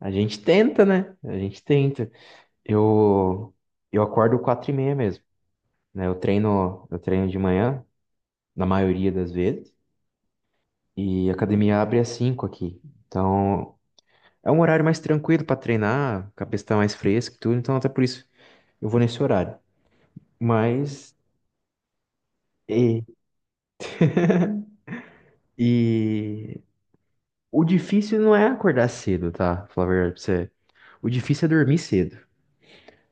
A gente tenta, né? A gente tenta. Eu, eu acordo 4h30 mesmo, né? Eu treino de manhã, na maioria das vezes, e a academia abre às cinco aqui. Então, é um horário mais tranquilo para treinar, a cabeça tá mais fresca e tudo, então até por isso eu vou nesse horário. Mas, e, e o difícil não é acordar cedo, tá? Falar a verdade pra você. O difícil é dormir cedo.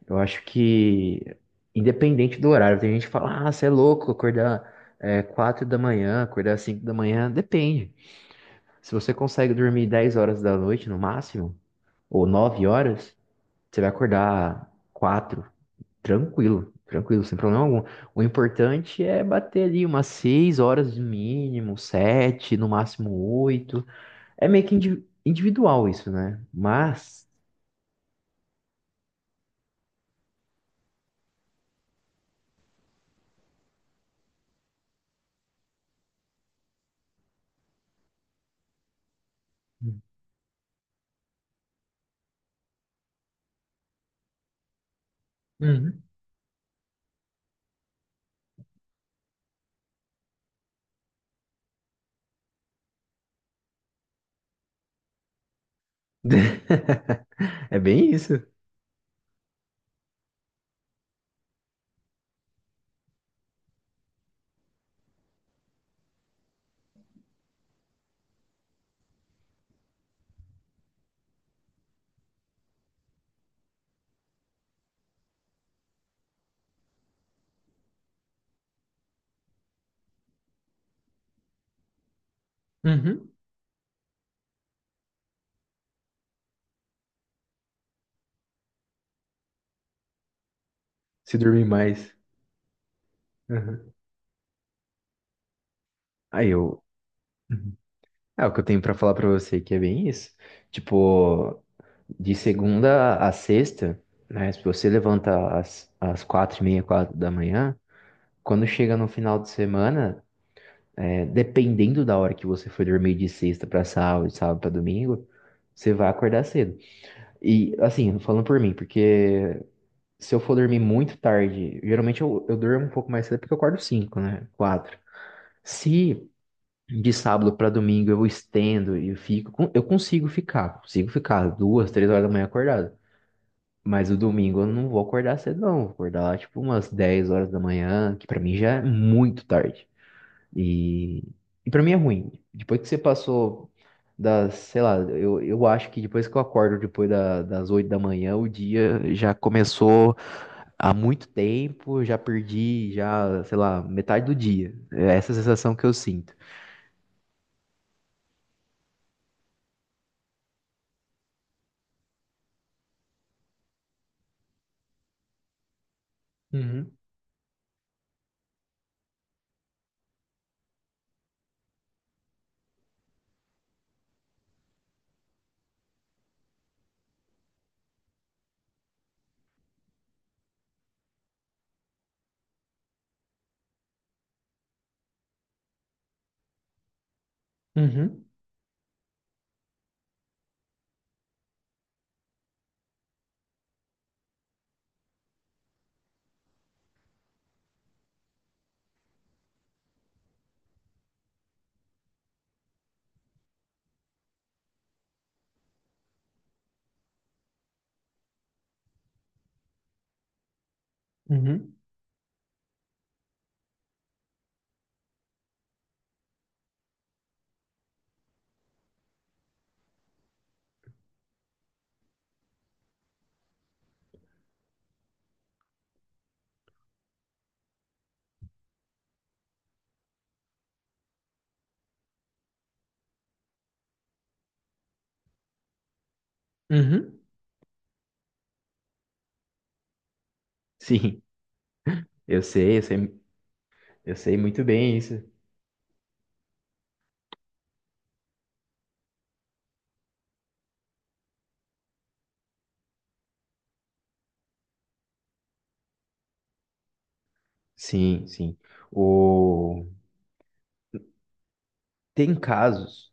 Eu acho que, independente do horário, tem gente que fala, ah, você é louco acordar 4 da manhã, acordar 5 da manhã, depende. Se você consegue dormir 10 horas da noite no máximo, ou 9 horas, você vai acordar 4 tranquilo, tranquilo, sem problema algum. O importante é bater ali umas 6 horas no mínimo, 7 no máximo 8. É meio que individual isso, né? Mas Uhum, é bem isso. Uhum. Se dormir mais. Aham. Aí eu. Uhum. É o que eu tenho pra falar pra você, que é bem isso. Tipo, de segunda a sexta, né? Se você levanta às 4h30, 4 da manhã, quando chega no final de semana, é, dependendo da hora que você foi dormir de sexta pra sábado, de sábado pra domingo, você vai acordar cedo. E, assim, falando por mim, porque se eu for dormir muito tarde, geralmente eu durmo um pouco mais cedo porque eu acordo cinco, né? Quatro. Se De sábado para domingo eu estendo e eu fico. Eu consigo ficar duas, três horas da manhã acordado. Mas o domingo eu não vou acordar cedo, não. Vou acordar lá tipo umas 10 horas da manhã, que para mim já é muito tarde. E, e para mim é ruim. Depois que você passou das, sei lá, eu acho que depois que eu acordo depois das 8 da manhã, o dia já começou há muito tempo, já perdi, já, sei lá, metade do dia. É essa a sensação que eu sinto. Uhum, uhum. Uhum. Uhum. Sim, eu sei, eu sei, eu sei muito bem isso. Sim, sim. O... Tem casos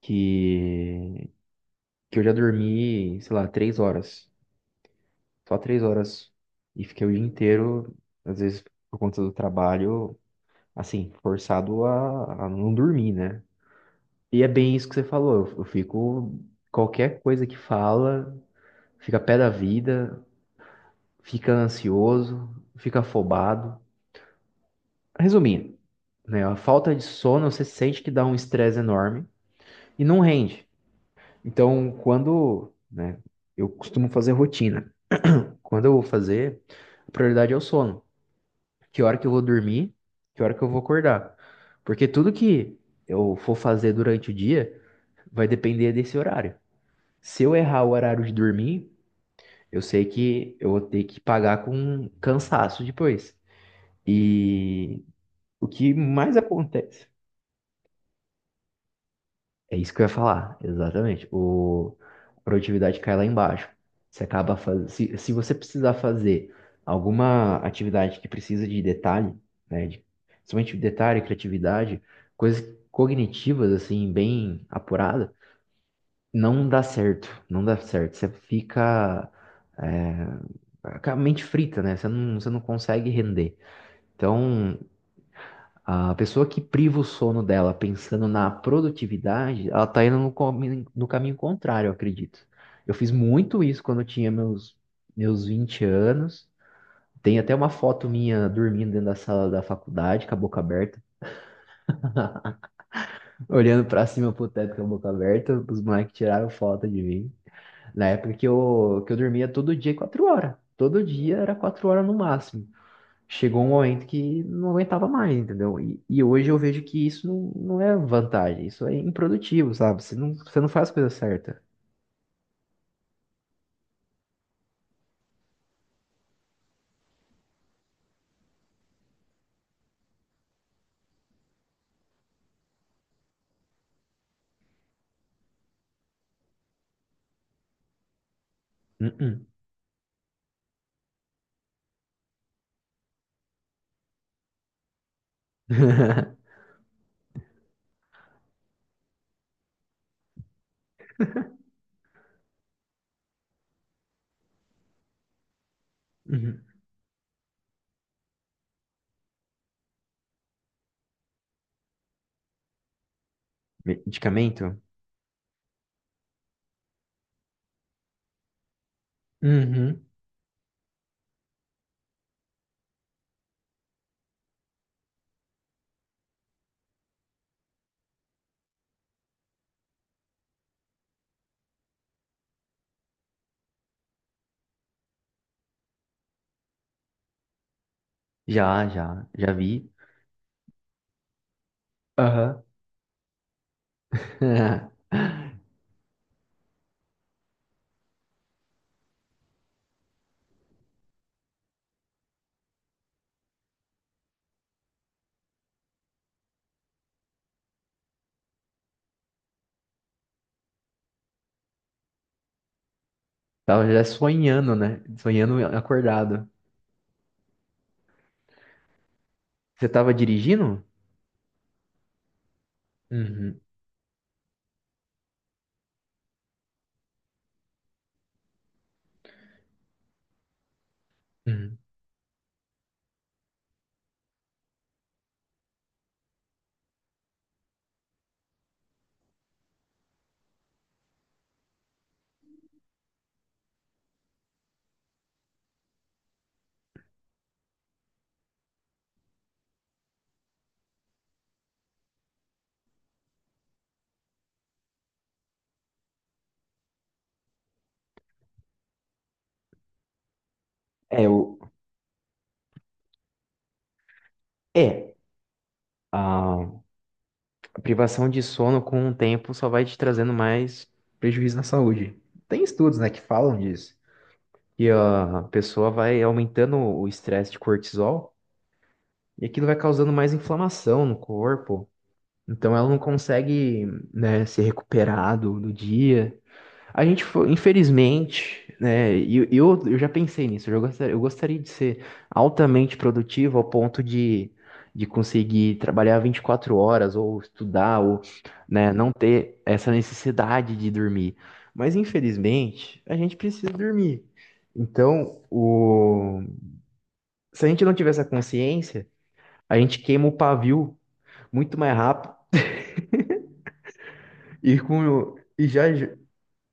que... que eu já dormi, sei lá, 3 horas. Só 3 horas. E fiquei o dia inteiro, às vezes por conta do trabalho, assim, forçado a não dormir, né? E é bem isso que você falou. Eu fico. Qualquer coisa que fala, fica pé da vida, fica ansioso, fica afobado. Resumindo, né? A falta de sono, você sente que dá um estresse enorme e não rende. Então, quando, né, eu costumo fazer rotina. Quando eu vou fazer, a prioridade é o sono. Que hora que eu vou dormir, que hora que eu vou acordar. Porque tudo que eu for fazer durante o dia vai depender desse horário. Se eu errar o horário de dormir, eu sei que eu vou ter que pagar com cansaço depois. E o que mais acontece. É isso que eu ia falar, exatamente. O, a produtividade cai lá embaixo. Você acaba se você precisar fazer alguma atividade que precisa de detalhe, né, de, principalmente detalhe, criatividade, coisas cognitivas, assim, bem apurada, não dá certo, não dá certo. Você fica com a mente frita, né? Você não consegue render. Então, a pessoa que priva o sono dela pensando na produtividade, ela tá indo no caminho contrário, eu acredito. Eu fiz muito isso quando eu tinha meus 20 anos. Tem até uma foto minha dormindo dentro da sala da faculdade, com a boca aberta, olhando pra cima pro teto com a boca aberta. Os moleques tiraram foto de mim. Na época que eu dormia todo dia, 4 horas. Todo dia era 4 horas no máximo. Chegou um momento que não aguentava mais, entendeu? E hoje eu vejo que isso não é vantagem, isso é improdutivo, sabe? Você não faz a coisa certa. Uh-uh. Uhum. Medicamento? Uhum. Já, já, já vi. Aham. Tava já sonhando, né? Sonhando acordado. Você tava dirigindo? Uhum. Uhum. É, o... É. Ah. Privação de sono com o tempo só vai te trazendo mais prejuízo na saúde. Tem estudos, né, que falam disso. E a pessoa vai aumentando o estresse de cortisol e aquilo vai causando mais inflamação no corpo. Então ela não consegue, né, se recuperar do, do dia. A gente foi, infelizmente, né? E eu já pensei nisso. Eu gostaria de ser altamente produtivo ao ponto de conseguir trabalhar 24 horas ou estudar, ou, né, não ter essa necessidade de dormir. Mas infelizmente, a gente precisa dormir. Então, se a gente não tiver essa consciência, a gente queima o pavio muito mais rápido e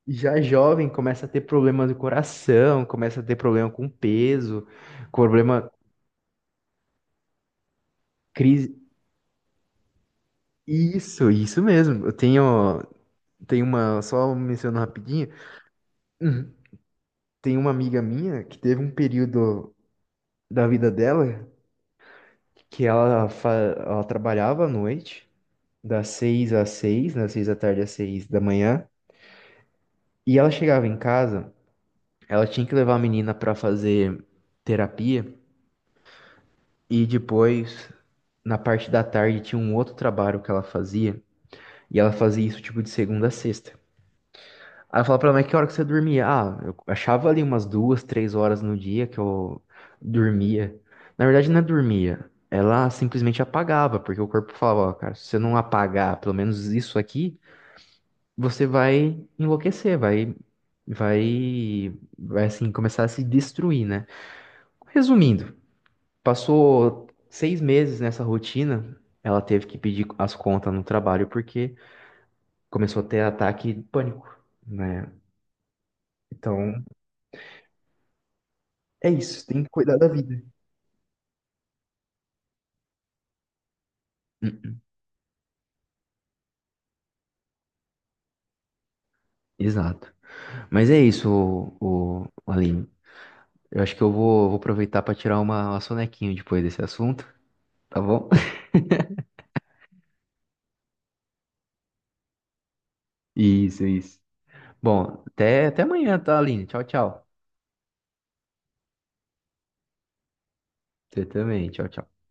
já jovem começa a ter problema do coração, começa a ter problema com peso, problema crise. Isso mesmo. Eu tenho uma, só mencionando rapidinho, Uhum, tem uma amiga minha que teve um período da vida dela que ela trabalhava à noite, das seis às seis, das seis da tarde às seis da manhã, e ela chegava em casa, ela tinha que levar a menina para fazer terapia. E depois, na parte da tarde, tinha um outro trabalho que ela fazia. E ela fazia isso tipo de segunda a sexta. Aí eu falava pra ela, mas que hora que você dormia? Ah, eu achava ali umas duas, três horas no dia que eu dormia. Na verdade, não é dormia. Ela simplesmente apagava, porque o corpo falava, ó, cara, se você não apagar pelo menos isso aqui, você vai enlouquecer, vai, vai, vai assim, começar a se destruir, né? Resumindo, passou 6 meses nessa rotina, ela teve que pedir as contas no trabalho porque começou a ter ataque de pânico, né? Então, é isso, tem que cuidar da vida. Exato. Mas é isso, o Aline. Eu acho que eu vou aproveitar para tirar uma sonequinha depois desse assunto, tá bom? Isso, isso. Bom, até amanhã, tá, Aline? Tchau, tchau. Você também, tchau, tchau.